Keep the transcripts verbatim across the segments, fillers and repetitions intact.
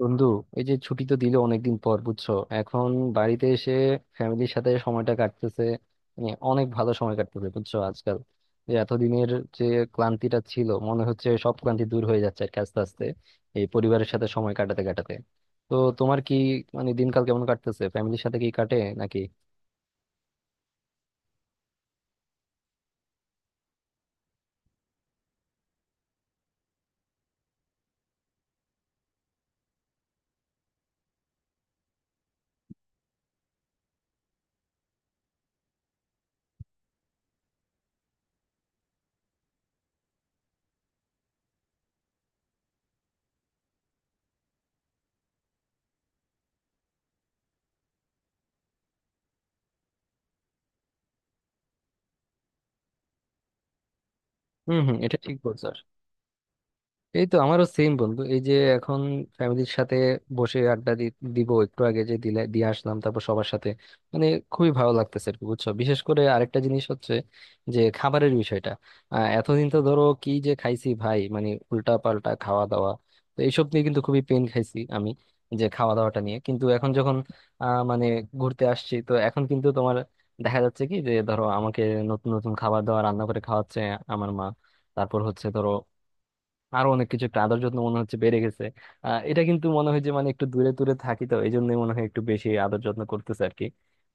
বন্ধু, এই যে ছুটি তো দিল অনেকদিন পর, বুঝছো। এখন বাড়িতে এসে ফ্যামিলির সাথে সময়টা কাটতেছে, মানে অনেক ভালো সময় কাটতেছে, বুঝছো। আজকাল যে এতদিনের যে ক্লান্তিটা ছিল, মনে হচ্ছে সব ক্লান্তি দূর হয়ে যাচ্ছে আর কি, আস্তে আস্তে, এই পরিবারের সাথে সময় কাটাতে কাটাতে। তো তোমার কি, মানে দিনকাল কেমন কাটতেছে, ফ্যামিলির সাথে কি কাটে নাকি? হম, হম, এটা ঠিক বলছো। এই তো আমারও সেম, বন্ধু। এই যে এখন ফ্যামিলির সাথে বসে আড্ডা দি- দিব, একটু আগে যে দিলে দিয়ে আসলাম, তারপর সবার সাথে, মানে খুবই ভালো লাগতেছে আর কি, বুঝছো। বিশেষ করে আরেকটা জিনিস হচ্ছে যে খাবারের বিষয়টা। আহ, এতদিন তো ধরো কি যে খাইছি, ভাই, মানে উল্টা পাল্টা খাওয়া দাওয়া, তো এইসব নিয়ে কিন্তু খুবই পেন খাইছি আমি, যে খাওয়া দাওয়াটা নিয়ে। কিন্তু এখন যখন আহ মানে ঘুরতে আসছি, তো এখন কিন্তু তোমার দেখা যাচ্ছে কি, যে ধরো আমাকে নতুন নতুন খাবার দাবার রান্না করে খাওয়াচ্ছে আমার মা। তারপর হচ্ছে ধরো আরো অনেক কিছু, একটা আদর যত্ন মনে হচ্ছে বেড়ে গেছে। আহ, এটা কিন্তু মনে হয় যে মানে একটু দূরে দূরে থাকি, তো এই জন্যই মনে হয় একটু বেশি আদর যত্ন করতেছে আর কি।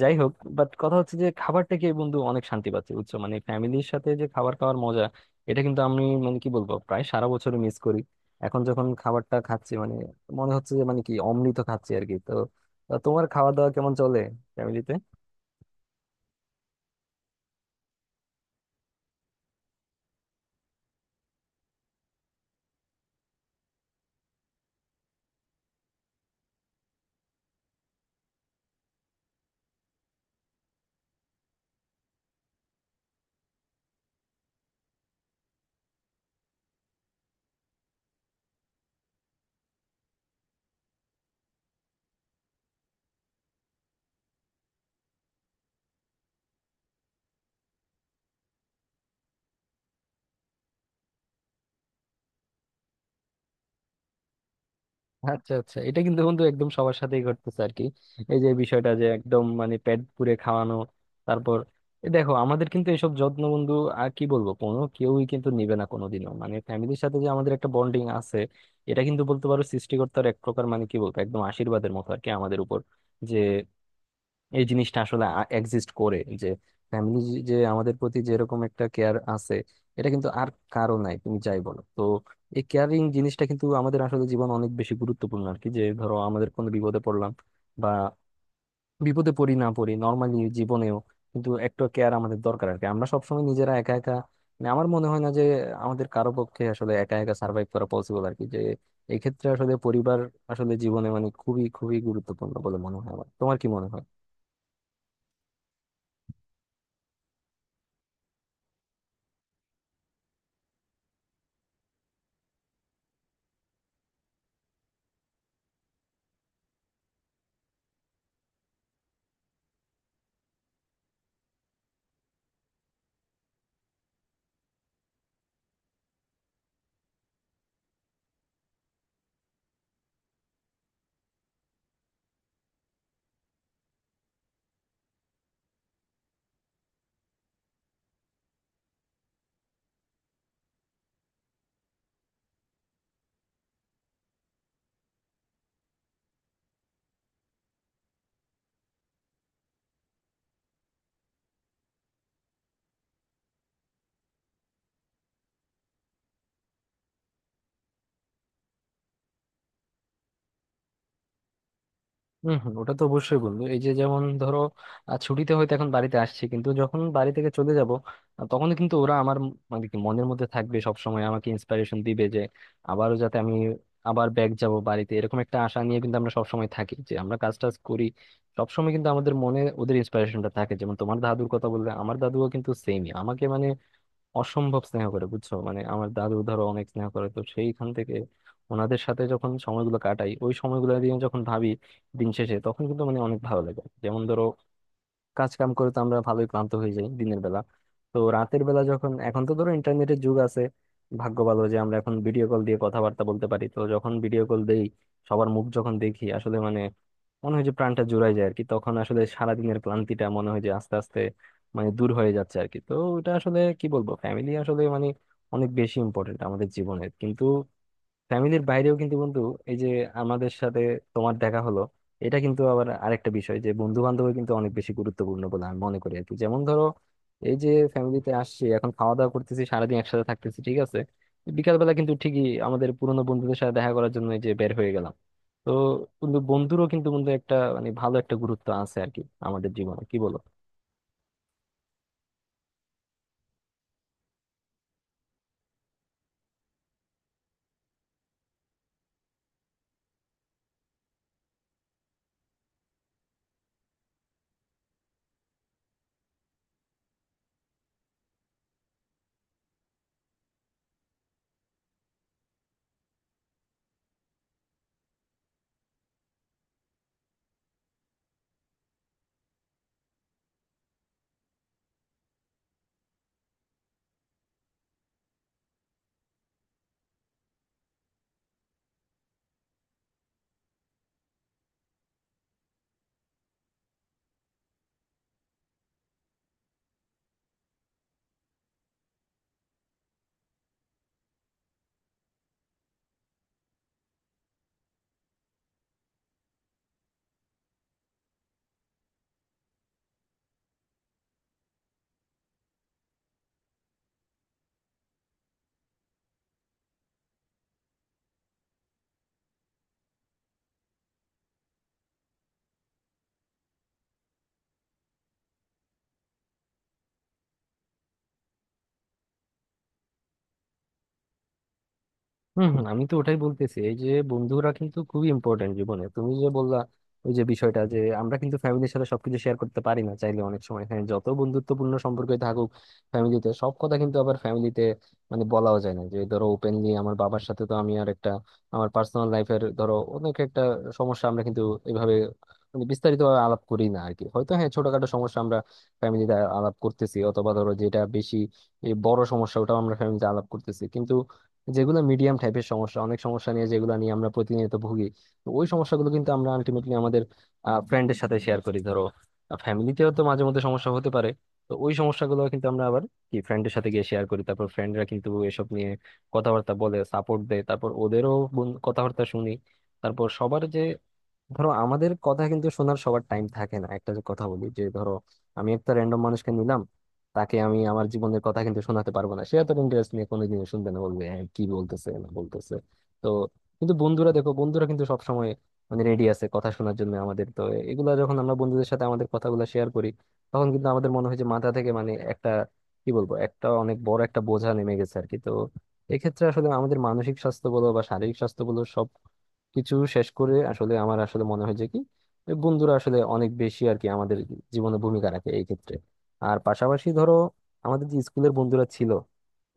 যাই হোক, বাট কথা হচ্ছে যে খাবারটা কি, বন্ধু, অনেক শান্তি পাচ্ছি, বুঝছো। মানে ফ্যামিলির সাথে যে খাবার খাওয়ার মজা, এটা কিন্তু আমি মানে কি বলবো, প্রায় সারা বছর মিস করি। এখন যখন খাবারটা খাচ্ছি, মানে মনে হচ্ছে যে মানে কি অমৃত খাচ্ছি আর কি। তো আহ, তোমার খাওয়া দাওয়া কেমন চলে ফ্যামিলিতে? আচ্ছা, আচ্ছা, এটা কিন্তু বন্ধু একদম সবার সাথেই ঘটতেছে আর কি, এই যে বিষয়টা যে একদম মানে পেট পুরে খাওয়ানো। তারপর এ দেখো আমাদের কিন্তু এসব যত্ন, বন্ধু, আর কি বলবো, কোনো কেউই কিন্তু নিবে না কোনোদিনও। মানে ফ্যামিলির সাথে যে আমাদের একটা বন্ডিং আছে, এটা কিন্তু বলতে পারো সৃষ্টিকর্তার এক প্রকার মানে কি বলবো একদম আশীর্বাদের মতো আর কি আমাদের উপর, যে এই জিনিসটা আসলে এক্সিস্ট করে যে ফ্যামিলি, যে আমাদের প্রতি যেরকম একটা কেয়ার আছে, এটা কিন্তু আর কারো নাই, তুমি যাই বলো। তো এই কেয়ারিং জিনিসটা কিন্তু আমাদের আসলে জীবন অনেক বেশি গুরুত্বপূর্ণ আর কি। যে ধরো আমাদের কোনো বিপদে পড়লাম, বা বিপদে পড়ি না পড়ি, নর্মালি জীবনেও কিন্তু একটা কেয়ার আমাদের দরকার আর কি। আমরা সবসময় নিজেরা একা একা, মানে আমার মনে হয় না যে আমাদের কারো পক্ষে আসলে একা একা সার্ভাইভ করা পসিবল আর কি। যে এক্ষেত্রে আসলে পরিবার আসলে জীবনে মানে খুবই খুবই গুরুত্বপূর্ণ বলে মনে হয় আমার। তোমার কি মনে হয়? হম, হম, ওটা তো অবশ্যই, বন্ধু। এই যে, যেমন ধরো, আহ, ছুটিতে হয়তো এখন বাড়িতে আসছি, কিন্তু যখন বাড়ি থেকে চলে যাব, তখন কিন্তু ওরা আমার ম- মানে কি মনের মধ্যে থাকবে সব সময়, আমাকে ইন্সপিরেশন দিবে যে আবারও যাতে আমি আবার ব্যাক যাব বাড়িতে। এরকম একটা আশা নিয়ে কিন্তু আমরা সবসময় থাকি, যে আমরা কাজ টাজ করি, সবসময় কিন্তু আমাদের মনে ওদের ইন্সপিরেশনটা থাকে। যেমন তোমার দাদুর কথা বললে, আমার দাদুও কিন্তু সেমই আমাকে মানে অসম্ভব স্নেহ করে, বুঝছো। মানে আমার দাদু ধরো অনেক স্নেহ করে, তো সেইখান থেকে ওনাদের সাথে যখন সময়গুলো কাটাই, ওই সময়গুলো দিয়ে যখন ভাবি দিন শেষে, তখন কিন্তু মানে অনেক ভালো লাগে। যেমন ধরো, কাজ কাম করে তো আমরা ভালোই ক্লান্ত হয়ে যাই দিনের বেলা, তো রাতের বেলা যখন, এখন তো ধরো ইন্টারনেটের যুগ, আছে ভাগ্য ভালো যে আমরা এখন ভিডিও কল দিয়ে কথাবার্তা বলতে পারি। তো যখন ভিডিও কল দেই, সবার মুখ যখন দেখি, আসলে মানে মনে হয় যে প্রাণটা জুড়ায় যায় আর কি। তখন আসলে সারাদিনের ক্লান্তিটা মনে হয় যে আস্তে আস্তে মানে দূর হয়ে যাচ্ছে আর কি। তো এটা আসলে কি বলবো, ফ্যামিলি আসলে মানে অনেক বেশি ইম্পর্টেন্ট আমাদের জীবনের। কিন্তু ফ্যামিলির বাইরেও কিন্তু বন্ধু, এই যে আমাদের সাথে তোমার দেখা হলো, এটা কিন্তু আবার আরেকটা বিষয় যে বন্ধু বান্ধব কিন্তু অনেক বেশি গুরুত্বপূর্ণ বলে আমি মনে করি আর কি। যেমন ধরো, এই যে ফ্যামিলিতে আসছি, এখন খাওয়া দাওয়া করতেছি, সারাদিন একসাথে থাকতেছি, ঠিক আছে, বিকালবেলা কিন্তু ঠিকই আমাদের পুরোনো বন্ধুদের সাথে দেখা করার জন্য এই যে বের হয়ে গেলাম। তো কিন্তু বন্ধুরও কিন্তু, বন্ধু, একটা মানে ভালো একটা গুরুত্ব আছে আর কি আমাদের জীবনে, কি বলো? হম, হম, আমি তো ওটাই বলতেছি, এই যে বন্ধুরা কিন্তু খুবই ইম্পর্টেন্ট জীবনে। তুমি যে বললা, ওই যে বিষয়টা যে আমরা কিন্তু ফ্যামিলির সাথে সবকিছু শেয়ার করতে পারি না চাইলে অনেক সময়, হ্যাঁ, যত বন্ধুত্বপূর্ণ সম্পর্কই থাকুক ফ্যামিলিতে, সব কথা কিন্তু আবার ফ্যামিলিতে মানে বলাও যায় না। যে ধরো ওপেনলি আমার বাবার সাথে তো আমি আর একটা আমার পার্সোনাল লাইফের ধরো অনেক একটা সমস্যা, আমরা কিন্তু এভাবে মানে বিস্তারিত ভাবে আলাপ করি না আর কি। হয়তো হ্যাঁ, ছোটখাটো সমস্যা আমরা ফ্যামিলিতে আলাপ করতেছি, অথবা ধরো যেটা বেশি এই বড় সমস্যা, ওটাও আমরা ফ্যামিলিতে আলাপ করতেছি। যেগুলো মিডিয়াম টাইপের সমস্যা, অনেক সমস্যা নিয়ে যেগুলো নিয়ে আমরা প্রতিনিয়ত ভুগি, তো ওই সমস্যাগুলো কিন্তু আমরা আলটিমেটলি আমাদের ফ্রেন্ডের সাথে শেয়ার করি। ধরো ফ্যামিলিতেও তো মাঝে মধ্যে সমস্যা হতে পারে, তো ওই সমস্যাগুলো কিন্তু আমরা আবার কি ফ্রেন্ডের সাথে গিয়ে শেয়ার করি। তারপর ফ্রেন্ডরা কিন্তু এসব নিয়ে কথাবার্তা বলে সাপোর্ট দেয়, তারপর ওদেরও বন- কথাবার্তা শুনি। তারপর সবার যে, ধরো আমাদের কথা কিন্তু শোনার সবার টাইম থাকে না, একটা যে কথা বলি যে, ধরো আমি একটা র্যান্ডম মানুষকে নিলাম, তাকে আমি আমার জীবনের কথা কিন্তু শোনাতে পারবো না, সে এত ইন্টারেস্ট নিয়ে কোনোদিন শুনবে না, বলবে হ্যাঁ কি বলতেছে না বলতেছে। তো কিন্তু বন্ধুরা, দেখো বন্ধুরা কিন্তু সবসময় মানে রেডি আছে কথা শোনার জন্য আমাদের। তো এগুলা যখন আমরা বন্ধুদের সাথে আমাদের কথাগুলো শেয়ার করি, তখন কিন্তু আমাদের মনে হয় যে মাথা থেকে মানে একটা, কি বলবো, একটা অনেক বড় একটা বোঝা নেমে গেছে আর কি। তো এক্ষেত্রে আসলে আমাদের মানসিক স্বাস্থ্য বলো বা শারীরিক স্বাস্থ্য বলো, কিছু শেষ করে আসলে আমার আসলে মনে হয় যে কি, যে বন্ধুরা আসলে অনেক বেশি আর কি আমাদের জীবনে ভূমিকা রাখে এই ক্ষেত্রে। আর পাশাপাশি ধরো আমাদের যে স্কুলের বন্ধুরা ছিল,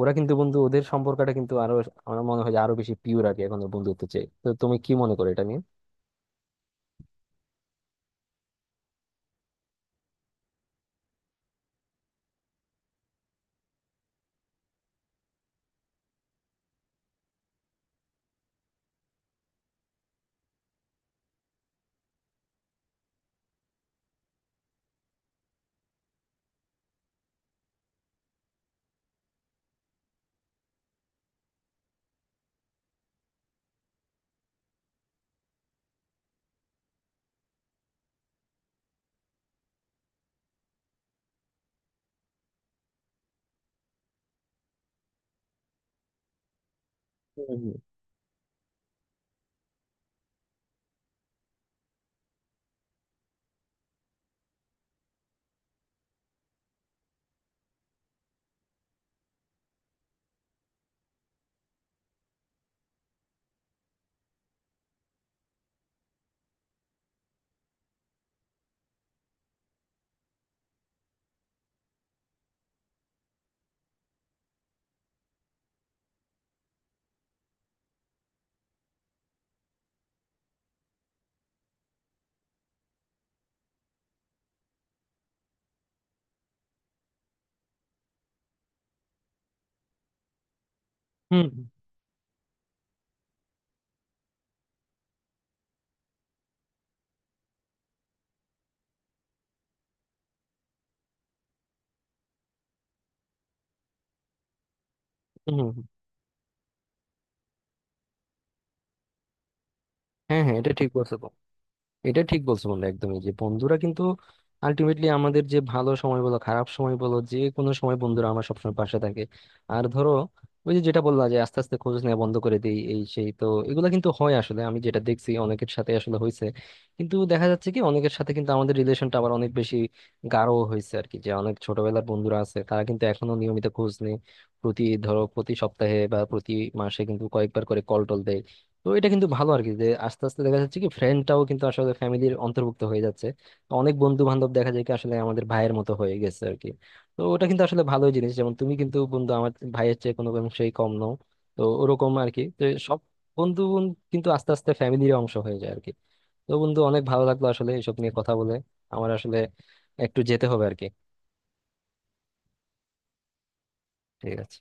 ওরা কিন্তু বন্ধু, ওদের সম্পর্কটা কিন্তু আরো, আমার মনে হয় যে আরো বেশি পিওর আর কি এখন বন্ধুত্ব চেয়ে। তো তুমি কি মনে করো এটা নিয়ে? হুম, হুম, হুম, হুম, হুম। হুম। হ্যাঁ, হ্যাঁ, এটা ঠিক বলছো। এটা ঠিক বলছো, বন্ধু, একদমই, যে বন্ধুরা কিন্তু আলটিমেটলি আমাদের যে ভালো সময় বলো খারাপ সময় বলো, যে কোনো সময় বন্ধুরা আমার সবসময় পাশে থাকে। আর ধরো ওই যে যেটা বললা, যে আস্তে আস্তে খোঁজ নেওয়া বন্ধ করে দিই এই সেই, তো এগুলো কিন্তু হয় আসলে, আমি যেটা দেখছি অনেকের সাথে আসলে হয়েছে। কিন্তু দেখা যাচ্ছে কি, অনেকের সাথে কিন্তু আমাদের রিলেশনটা আবার অনেক বেশি গাঢ় হয়েছে আর কি। যে অনেক ছোটবেলার বন্ধুরা আছে, তারা কিন্তু এখনো নিয়মিত খোঁজ নেই, প্রতি ধরো প্রতি সপ্তাহে বা প্রতি মাসে কিন্তু কয়েকবার করে কল টল দেয়। তো এটা কিন্তু ভালো আর কি, যে আস্তে আস্তে দেখা যাচ্ছে কি ফ্রেন্ডটাও কিন্তু আসলে ফ্যামিলির অন্তর্ভুক্ত হয়ে যাচ্ছে। তো অনেক বন্ধু বান্ধব দেখা যায় কি আসলে আমাদের ভাইয়ের মতো হয়ে গেছে আর কি। তো ওটা কিন্তু আসলে ভালোই জিনিস, যেমন তুমি, কিন্তু বন্ধু, আমার ভাইয়ের চেয়ে কোনো অংশেই কম নও, তো ওরকম আর কি। তো সব বন্ধু কিন্তু আস্তে আস্তে ফ্যামিলির অংশ হয়ে যায় আর কি। তো বন্ধু, অনেক ভালো লাগলো আসলে এসব নিয়ে কথা বলে। আমার আসলে একটু যেতে হবে আর কি। ঠিক আছে।